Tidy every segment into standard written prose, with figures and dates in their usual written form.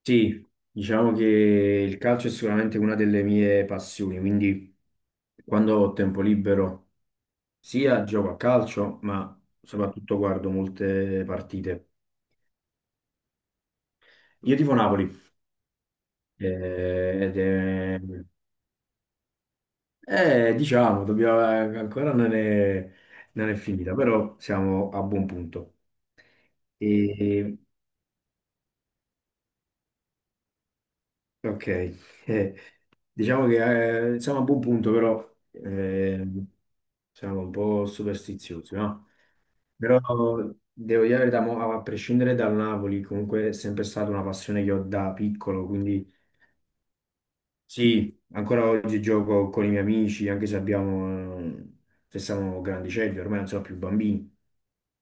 Sì, diciamo che il calcio è sicuramente una delle mie passioni, quindi quando ho tempo libero sia gioco a calcio, ma soprattutto guardo molte partite. Io tifo Napoli, eh, ed è, diciamo, dobbiamo, ancora non è finita, però siamo a buon punto. E, ok, eh, diciamo che siamo a buon punto, però siamo un po' superstiziosi, no? Però devo dire la verità, mo, a prescindere dal Napoli, comunque è sempre stata una passione che ho da piccolo, quindi sì, ancora oggi gioco con i miei amici, anche se abbiamo, se siamo grandicelli, ormai non sono più bambini,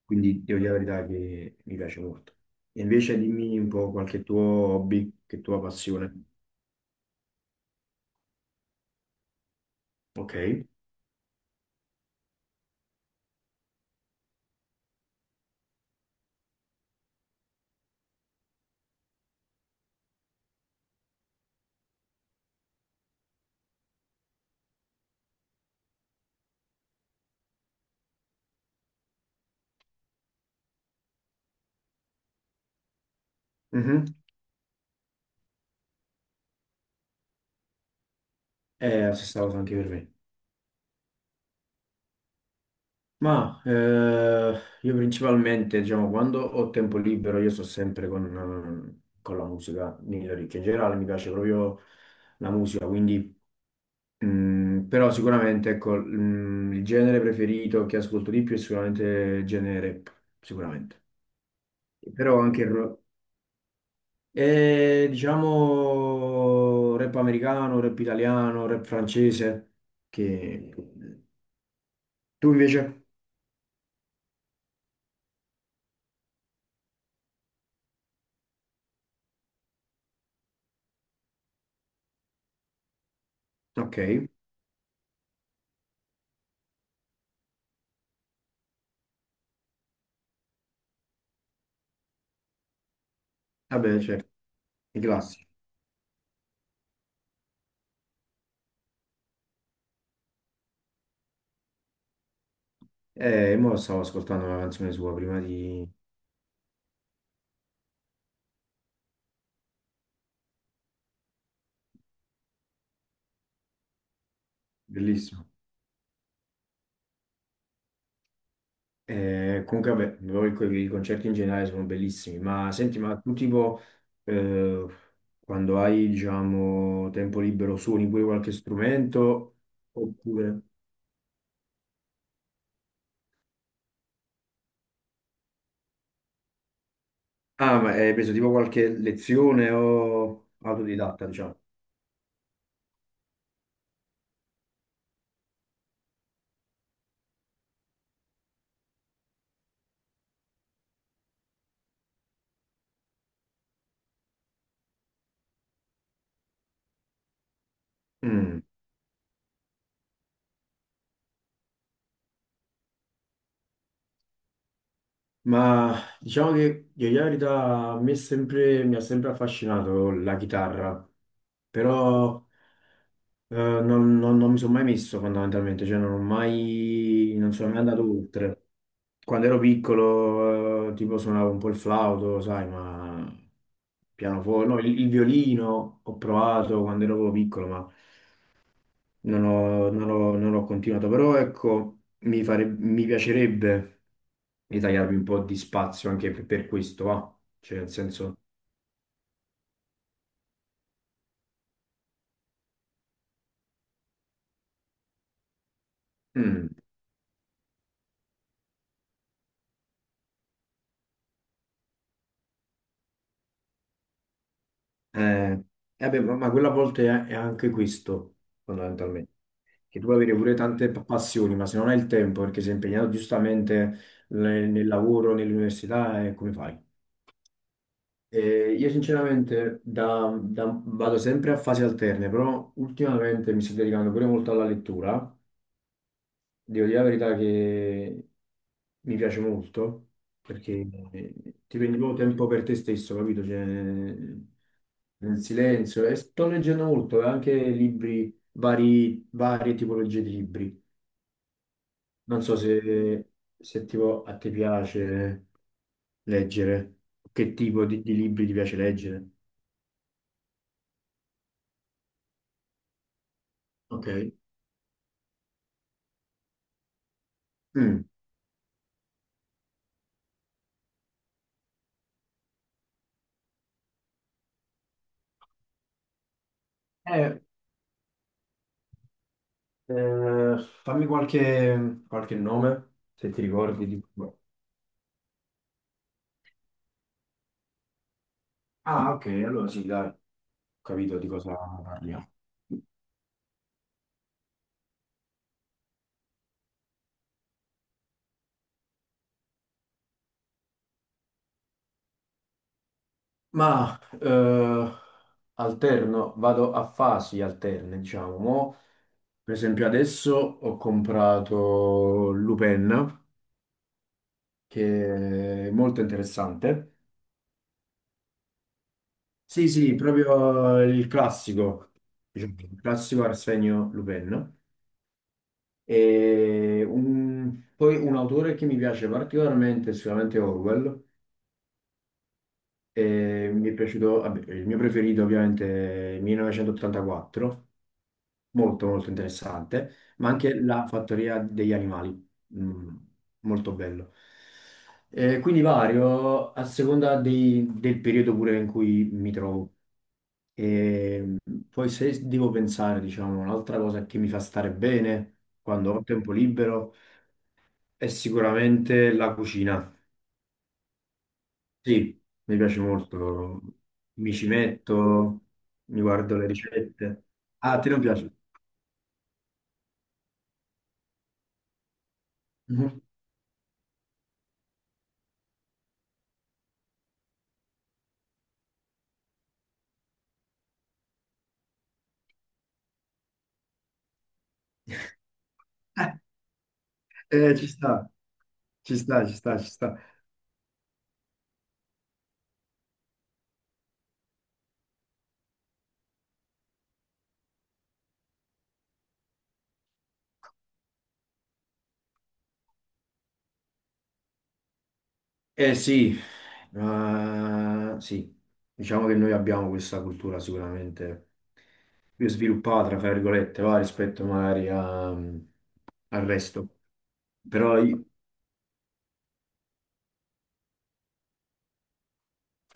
quindi devo dire la verità che mi piace molto. E invece dimmi un po' qualche tuo hobby, che tua passione. Ok. Mhm. È la stessa cosa anche per me. Ma io principalmente, diciamo, quando ho tempo libero, io sto sempre con la musica nelle orecchie. In generale mi piace proprio la musica, quindi, però sicuramente, ecco, il genere preferito che ascolto di più è sicuramente il genere rap, sicuramente. Però anche e, diciamo, rap americano, rap italiano, rap francese, che. Tu invece? Ok, vabbè, certo, i classici. Mo stavo ascoltando una canzone sua prima di. Bellissimo. Comunque, vabbè, però i concerti in generale sono bellissimi, ma senti, ma tu tipo, eh, quando hai, diciamo, tempo libero suoni pure qualche strumento? Oppure. Ah, ma hai preso tipo qualche lezione o autodidatta, diciamo? Mm. Ma diciamo che io la verità a me è sempre, mi ha sempre affascinato la chitarra, però non mi sono mai messo fondamentalmente, cioè non ho mai, non sono mai andato oltre. Quando ero piccolo, tipo suonavo un po' il flauto, sai, ma pianoforte, no, il violino ho provato quando ero piccolo, ma non ho continuato. Però ecco, mi piacerebbe ritagliarmi un po' di spazio anche per questo, va. Cioè, nel senso, mm. Eh, eh beh, ma quella a volte è anche questo, fondamentalmente, che tu puoi avere pure tante passioni, ma se non hai il tempo, perché sei impegnato giustamente nel lavoro, nell'università, come fai? Io sinceramente vado sempre a fasi alterne, però ultimamente mi sto dedicando pure molto alla lettura. Devo dire la verità che mi piace molto, perché eh, ti prendi proprio tempo per te stesso, capito? Cioè, nel silenzio. E sto leggendo molto, anche libri, varie tipologie di libri. Non so se tipo a te piace leggere, che tipo di libri ti piace leggere. Ok. Mm. Eh, eh, Fammi qualche nome, se ti ricordi di. Ah, ok, allora sì, dai, ho capito di cosa parliamo. Ma alterno, vado a fasi alterne, diciamo. Mo Per esempio, adesso ho comprato Lupin, che è molto interessante. Sì, sì, proprio il classico, diciamo, il classico Arsenio Lupin. E poi un autore che mi piace particolarmente è sicuramente Orwell. E mi è piaciuto, vabbè, il mio preferito ovviamente è 1984, molto molto interessante, ma anche la fattoria degli animali, mm, molto bello. Quindi vario a seconda del periodo pure in cui mi trovo. E poi se devo pensare, diciamo, un'altra cosa che mi fa stare bene quando ho tempo libero è sicuramente la cucina. Sì, mi piace molto, mi ci metto, mi guardo le ricette. Ah, a te non piace? Mhm. Ci sta. Ci sta, ci sta, ci sta. Eh sì, sì, diciamo che noi abbiamo questa cultura sicuramente più sviluppata, fra virgolette, va, rispetto magari al resto. Però io-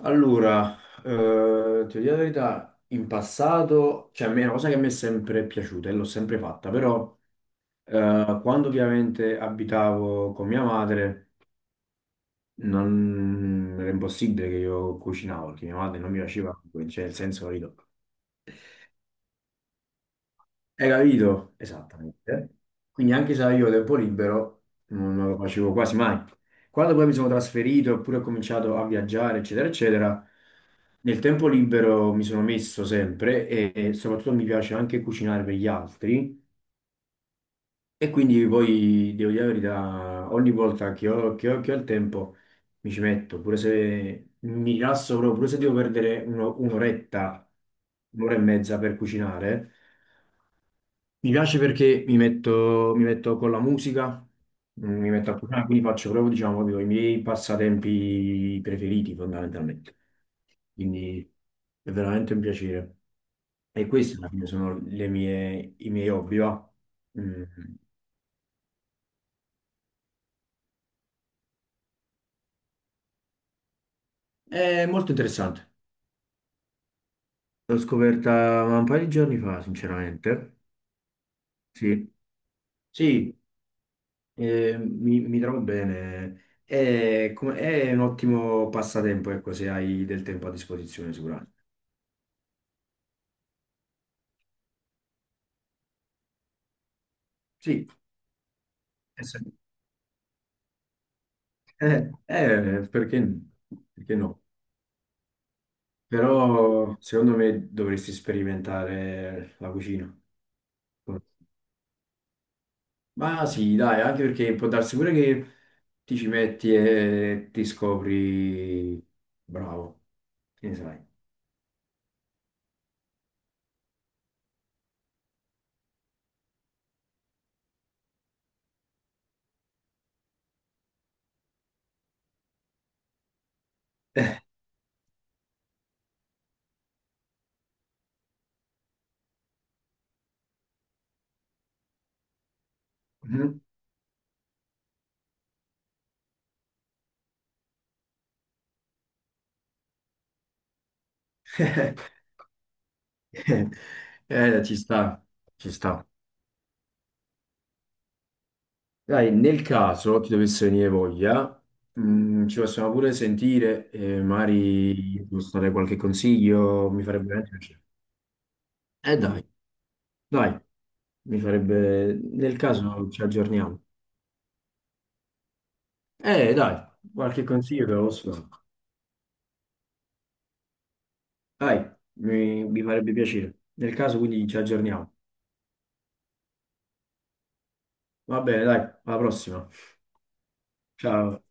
allora, ti dico la verità, in passato, cioè a me è una cosa che mi è sempre piaciuta e l'ho sempre fatta, però quando ovviamente abitavo con mia madre non era impossibile che io cucinavo perché mia madre non mi faceva, cioè nel senso, capito? Hai capito? Esattamente. Quindi anche se avevo tempo libero, non lo facevo quasi mai. Quando poi mi sono trasferito, oppure ho cominciato a viaggiare, eccetera, eccetera, nel tempo libero mi sono messo sempre e soprattutto mi piace anche cucinare per gli altri. E quindi poi devo dire la verità, ogni volta che ho, che ho il tempo mi ci metto, pure se mi rilasso proprio, pure se devo perdere un'oretta, un'ora e mezza per cucinare. Mi piace perché mi metto con la musica, mi metto a cucinare, quindi faccio proprio, diciamo, proprio i miei passatempi preferiti fondamentalmente. Quindi è veramente un piacere. E questi alla fine sono i miei hobby, va? Mm. È molto interessante. L'ho scoperta un paio di giorni fa, sinceramente. Sì, sì, mi trovo bene. È un ottimo passatempo, ecco, se hai del tempo a disposizione, sicuramente. Sì, eh sì. eh, eh, perché, perché no? Però secondo me dovresti sperimentare la cucina. Ma sì, dai, anche perché può darsi pure che ti ci metti e ti scopri bravo, che ne sai. Ci sta, ci sta. Dai, nel caso ti dovesse venire voglia, ci possiamo pure sentire e magari ti posso dare qualche consiglio, mi farebbe veramente piacere. Dai, dai, mi farebbe. Nel caso ci aggiorniamo. Dai, qualche consiglio te lo posso dare. Dai, mi farebbe piacere. Nel caso quindi ci aggiorniamo. Va bene, dai, alla prossima. Ciao.